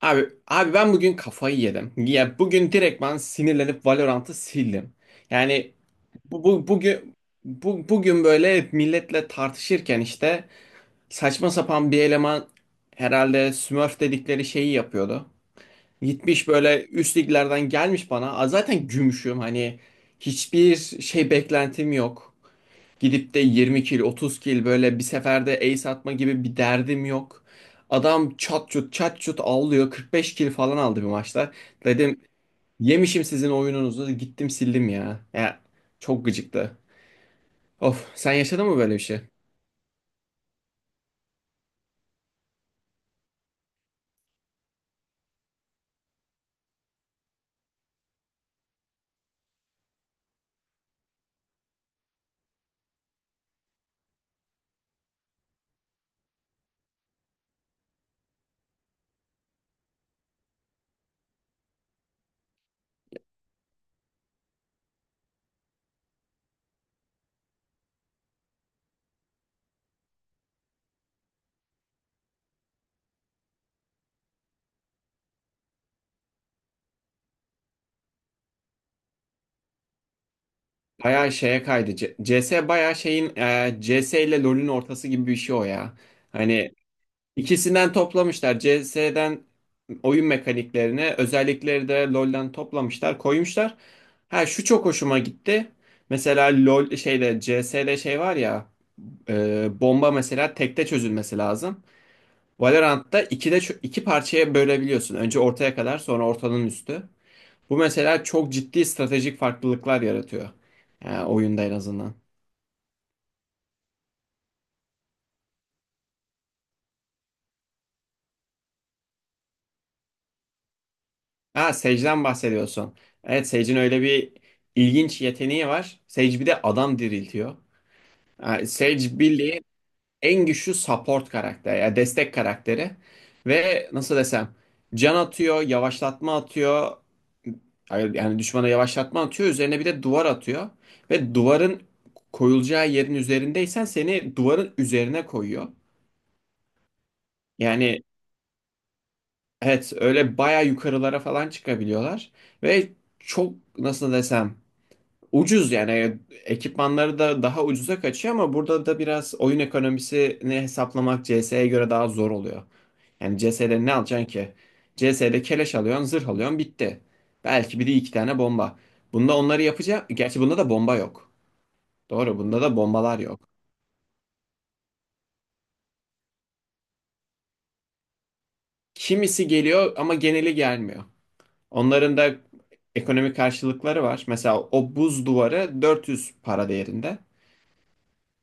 Abi, ben bugün kafayı yedim. Ya bugün direkt ben sinirlenip Valorant'ı sildim. Yani bu, bu bugün bugün böyle milletle tartışırken işte saçma sapan bir eleman herhalde Smurf dedikleri şeyi yapıyordu. Gitmiş böyle üst liglerden gelmiş bana. "Aa, zaten gümüşüm, hani hiçbir şey beklentim yok. Gidip de 20 kill, 30 kill böyle bir seferde ace atma gibi bir derdim yok. Adam çat çut çat çut avlıyor. 45 kill falan aldı bir maçta. Dedim yemişim sizin oyununuzu. Gittim sildim ya. Ya çok gıcıktı. Of, sen yaşadın mı böyle bir şey? Bayağı şeye kaydı. CS bayağı şeyin, C S ile LoL'ün ortası gibi bir şey o ya. Hani İkisinden toplamışlar. CS'den oyun mekaniklerini, özellikleri de LoL'den toplamışlar, koymuşlar. Ha şu çok hoşuma gitti. Mesela LoL şeyde CS'de şey var ya, bomba mesela tekte çözülmesi lazım. Valorant'ta ikide iki parçaya bölebiliyorsun. Önce ortaya kadar, sonra ortanın üstü. Bu mesela çok ciddi stratejik farklılıklar yaratıyor. Yani oyunda en azından. Ha, Sage'den bahsediyorsun. Evet, Sage'in öyle bir ilginç yeteneği var. Sage bir de adam diriltiyor. Yani Sage bildiğin en güçlü support karakteri, yani destek karakteri. Ve nasıl desem, can atıyor, yavaşlatma atıyor. Hayır, yani düşmana yavaşlatma atıyor. Üzerine bir de duvar atıyor. Ve duvarın koyulacağı yerin üzerindeysen seni duvarın üzerine koyuyor. Yani evet, öyle baya yukarılara falan çıkabiliyorlar. Ve çok, nasıl desem, ucuz yani, ekipmanları da daha ucuza kaçıyor ama burada da biraz oyun ekonomisini hesaplamak CS'ye göre daha zor oluyor. Yani CS'de ne alacaksın ki? CS'de keleş alıyorsun, zırh alıyorsun, bitti. Belki biri iki tane bomba. Bunda onları yapacak. Gerçi bunda da bomba yok. Doğru, bunda da bombalar yok. Kimisi geliyor ama geneli gelmiyor. Onların da ekonomik karşılıkları var. Mesela o buz duvarı 400 para değerinde.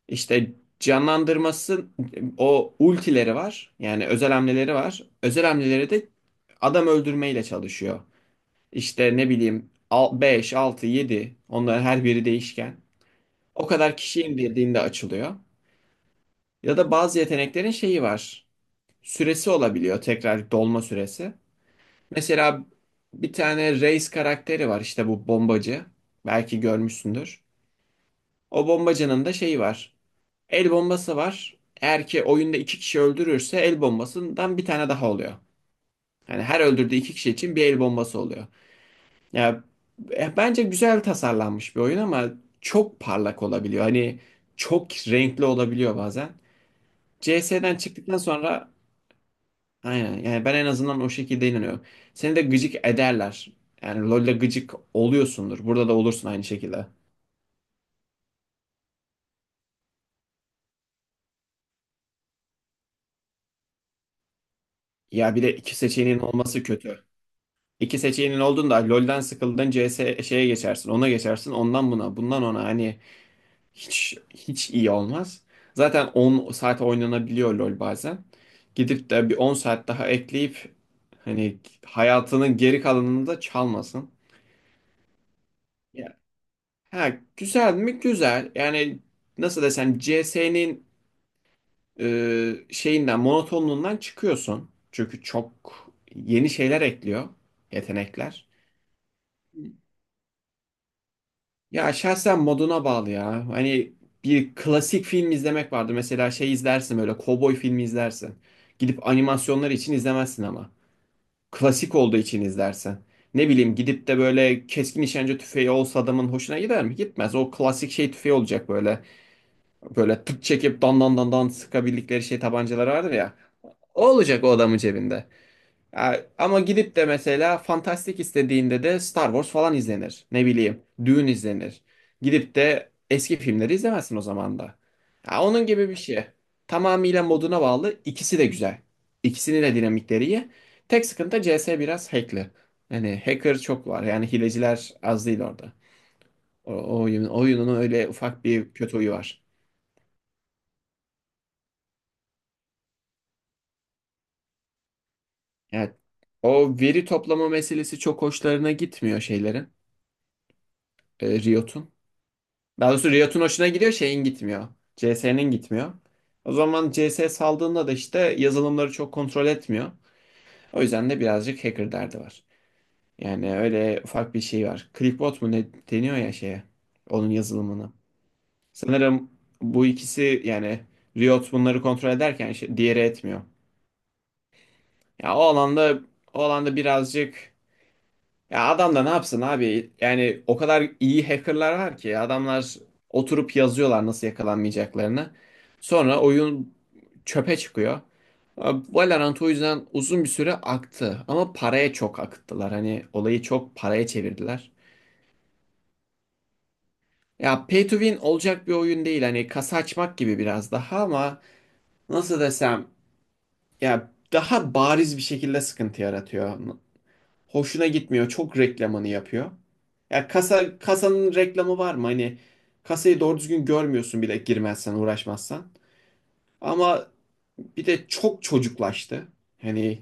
İşte canlandırması, o ultileri var. Yani özel hamleleri var. Özel hamleleri de adam öldürmeyle çalışıyor. İşte ne bileyim, 5 6 yedi, onların her biri değişken. O kadar kişi indirdiğinde açılıyor. Ya da bazı yeteneklerin şeyi var. Süresi olabiliyor, tekrar dolma süresi. Mesela bir tane Reis karakteri var, işte bu bombacı. Belki görmüşsündür. O bombacının da şeyi var. El bombası var. Eğer ki oyunda 2 kişi öldürürse el bombasından bir tane daha oluyor. Yani her öldürdüğü 2 kişi için bir el bombası oluyor. Ya, bence güzel tasarlanmış bir oyun ama çok parlak olabiliyor. Hani çok renkli olabiliyor bazen. CS'den çıktıktan sonra aynen, yani ben en azından o şekilde inanıyorum. Seni de gıcık ederler. Yani LoL'de gıcık oluyorsundur. Burada da olursun aynı şekilde. Ya bir de iki seçeneğin olması kötü. İki seçeneğin olduğunda LoL'den sıkıldın, CS şeye geçersin. Ona geçersin. Ondan buna, bundan ona, hani hiç iyi olmaz. Zaten 10 saat oynanabiliyor LoL bazen. Gidip de bir 10 saat daha ekleyip hani hayatının geri kalanını da çalmasın. Ya, ha, güzel mi? Güzel. Yani nasıl desem, CS'nin şeyinden, monotonluğundan çıkıyorsun. Çünkü çok yeni şeyler ekliyor, yetenekler. Ya şahsen moduna bağlı ya. Hani bir klasik film izlemek vardır. Mesela şey izlersin, böyle kovboy filmi izlersin. Gidip animasyonlar için izlemezsin ama. Klasik olduğu için izlersin. Ne bileyim, gidip de böyle keskin nişancı tüfeği olsa adamın hoşuna gider mi? Gitmez. O klasik şey tüfeği olacak böyle. Böyle tık çekip dan dan dan dan sıkabildikleri şey tabancaları vardır ya. O olacak o adamın cebinde. Ya, ama gidip de mesela fantastik istediğinde de Star Wars falan izlenir. Ne bileyim, Dune izlenir. Gidip de eski filmleri izlemezsin o zaman da. Ya, onun gibi bir şey. Tamamıyla moduna bağlı. İkisi de güzel. İkisinin de dinamikleri iyi. Tek sıkıntı, CS biraz hackli. Yani hacker çok var. Yani hileciler az değil orada. Oyunun öyle ufak bir kötü huyu var. Yani o veri toplama meselesi çok hoşlarına gitmiyor şeylerin. Riot'un. Daha doğrusu Riot'un hoşuna gidiyor, şeyin gitmiyor. CS'nin gitmiyor. O zaman CS saldığında da işte yazılımları çok kontrol etmiyor. O yüzden de birazcık hacker derdi var. Yani öyle ufak bir şey var. Clickbot mu ne deniyor ya şeye? Onun yazılımına. Sanırım bu ikisi yani, Riot bunları kontrol ederken şey- diğeri etmiyor. Ya, o alanda birazcık. Ya adam da ne yapsın abi? Yani o kadar iyi hackerlar var ki adamlar oturup yazıyorlar nasıl yakalanmayacaklarını. Sonra oyun çöpe çıkıyor. Valorant o yüzden uzun bir süre aktı ama paraya çok akıttılar. Hani olayı çok paraya çevirdiler. Ya, pay to win olacak bir oyun değil. Hani kasa açmak gibi biraz daha, ama nasıl desem, ya daha bariz bir şekilde sıkıntı yaratıyor. Hoşuna gitmiyor. Çok reklamını yapıyor. Ya kasanın reklamı var mı? Hani kasayı doğru düzgün görmüyorsun bile, girmezsen, uğraşmazsan. Ama bir de çok çocuklaştı. Hani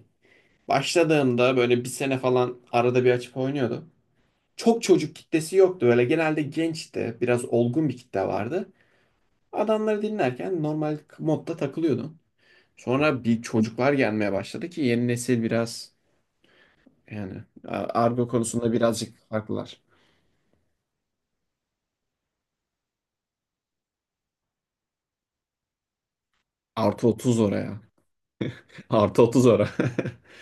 başladığımda böyle bir sene falan arada bir açıp oynuyordum. Çok çocuk kitlesi yoktu. Böyle genelde gençti. Biraz olgun bir kitle vardı. Adamları dinlerken normal modda takılıyordum. Sonra bir çocuklar gelmeye başladı ki, yeni nesil biraz, yani argo konusunda birazcık farklılar. Artı 30 oraya. Artı 30 oraya.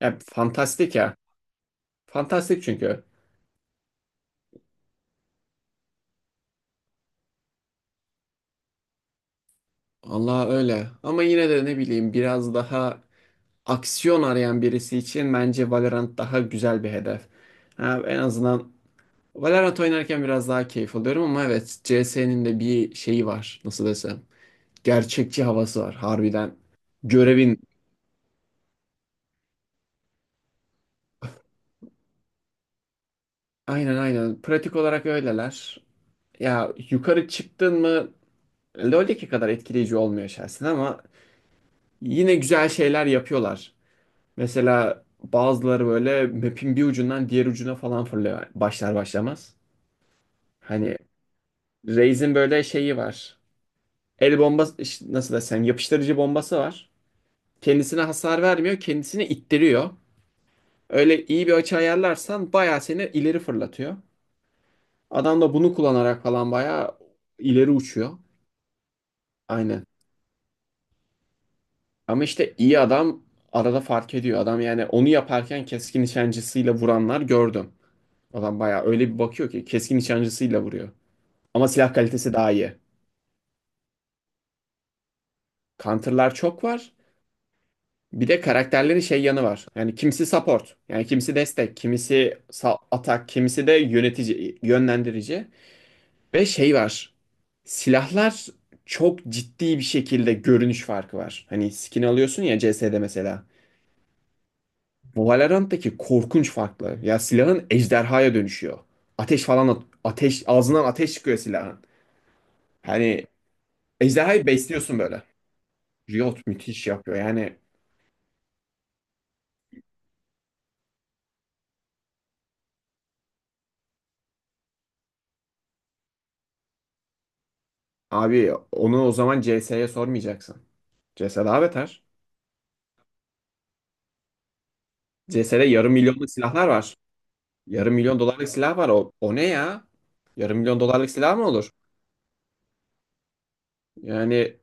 Ya fantastik ya. Fantastik çünkü. Allah öyle. Ama yine de ne bileyim biraz daha aksiyon arayan birisi için bence Valorant daha güzel bir hedef. Ha, en azından Valorant oynarken biraz daha keyif alıyorum, ama evet CS'nin de bir şeyi var. Nasıl desem. Gerçekçi havası var harbiden. Görevin. Aynen aynen. Pratik olarak öyleler. Ya yukarı çıktın mı LoL'deki kadar etkileyici olmuyor şahsen ama yine güzel şeyler yapıyorlar. Mesela bazıları böyle map'in bir ucundan diğer ucuna falan fırlıyor başlar başlamaz. Hani Raze'in böyle şeyi var. El bombası, nasıl desem, yapıştırıcı bombası var. Kendisine hasar vermiyor, kendisini ittiriyor. Öyle iyi bir açı ayarlarsan bayağı seni ileri fırlatıyor. Adam da bunu kullanarak falan bayağı ileri uçuyor. Aynen. Ama işte iyi adam arada fark ediyor. Adam yani onu yaparken keskin nişancısıyla vuranlar gördüm. Adam bayağı öyle bir bakıyor ki keskin nişancısıyla vuruyor. Ama silah kalitesi daha iyi. Counter'lar çok var. Bir de karakterlerin şey yanı var. Yani kimisi support, yani kimisi destek, kimisi atak, kimisi de yönetici, yönlendirici. Ve şey var. Silahlar çok ciddi bir şekilde görünüş farkı var. Hani skin alıyorsun ya CS'de mesela. Bu Valorant'taki korkunç farklı. Ya silahın ejderhaya dönüşüyor. Ateş falan ateş, ağzından ateş çıkıyor silahın. Hani ejderhayı besliyorsun böyle. Riot müthiş yapıyor. Yani abi onu o zaman CS'ye sormayacaksın. CS daha beter. CS'de yarım milyonluk silahlar var. Yarım milyon dolarlık silah var. O, o ne ya? Yarım milyon dolarlık silah mı olur? Yani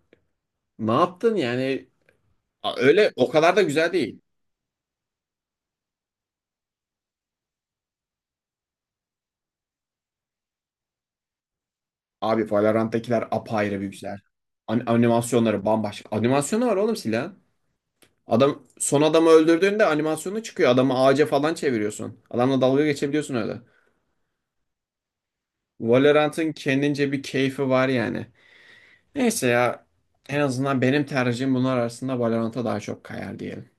ne yaptın yani? Öyle o kadar da güzel değil. Abi, Valorant'takiler apayrı bir güzel. Animasyonları bambaşka. Animasyonu var oğlum silahın. Adam son adamı öldürdüğünde animasyonu çıkıyor. Adamı ağaca falan çeviriyorsun. Adamla dalga geçebiliyorsun öyle. Valorant'ın kendince bir keyfi var yani. Neyse ya, en azından benim tercihim bunlar arasında Valorant'a daha çok kayar diyelim.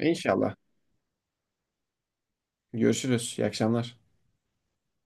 İnşallah. Görüşürüz. İyi akşamlar.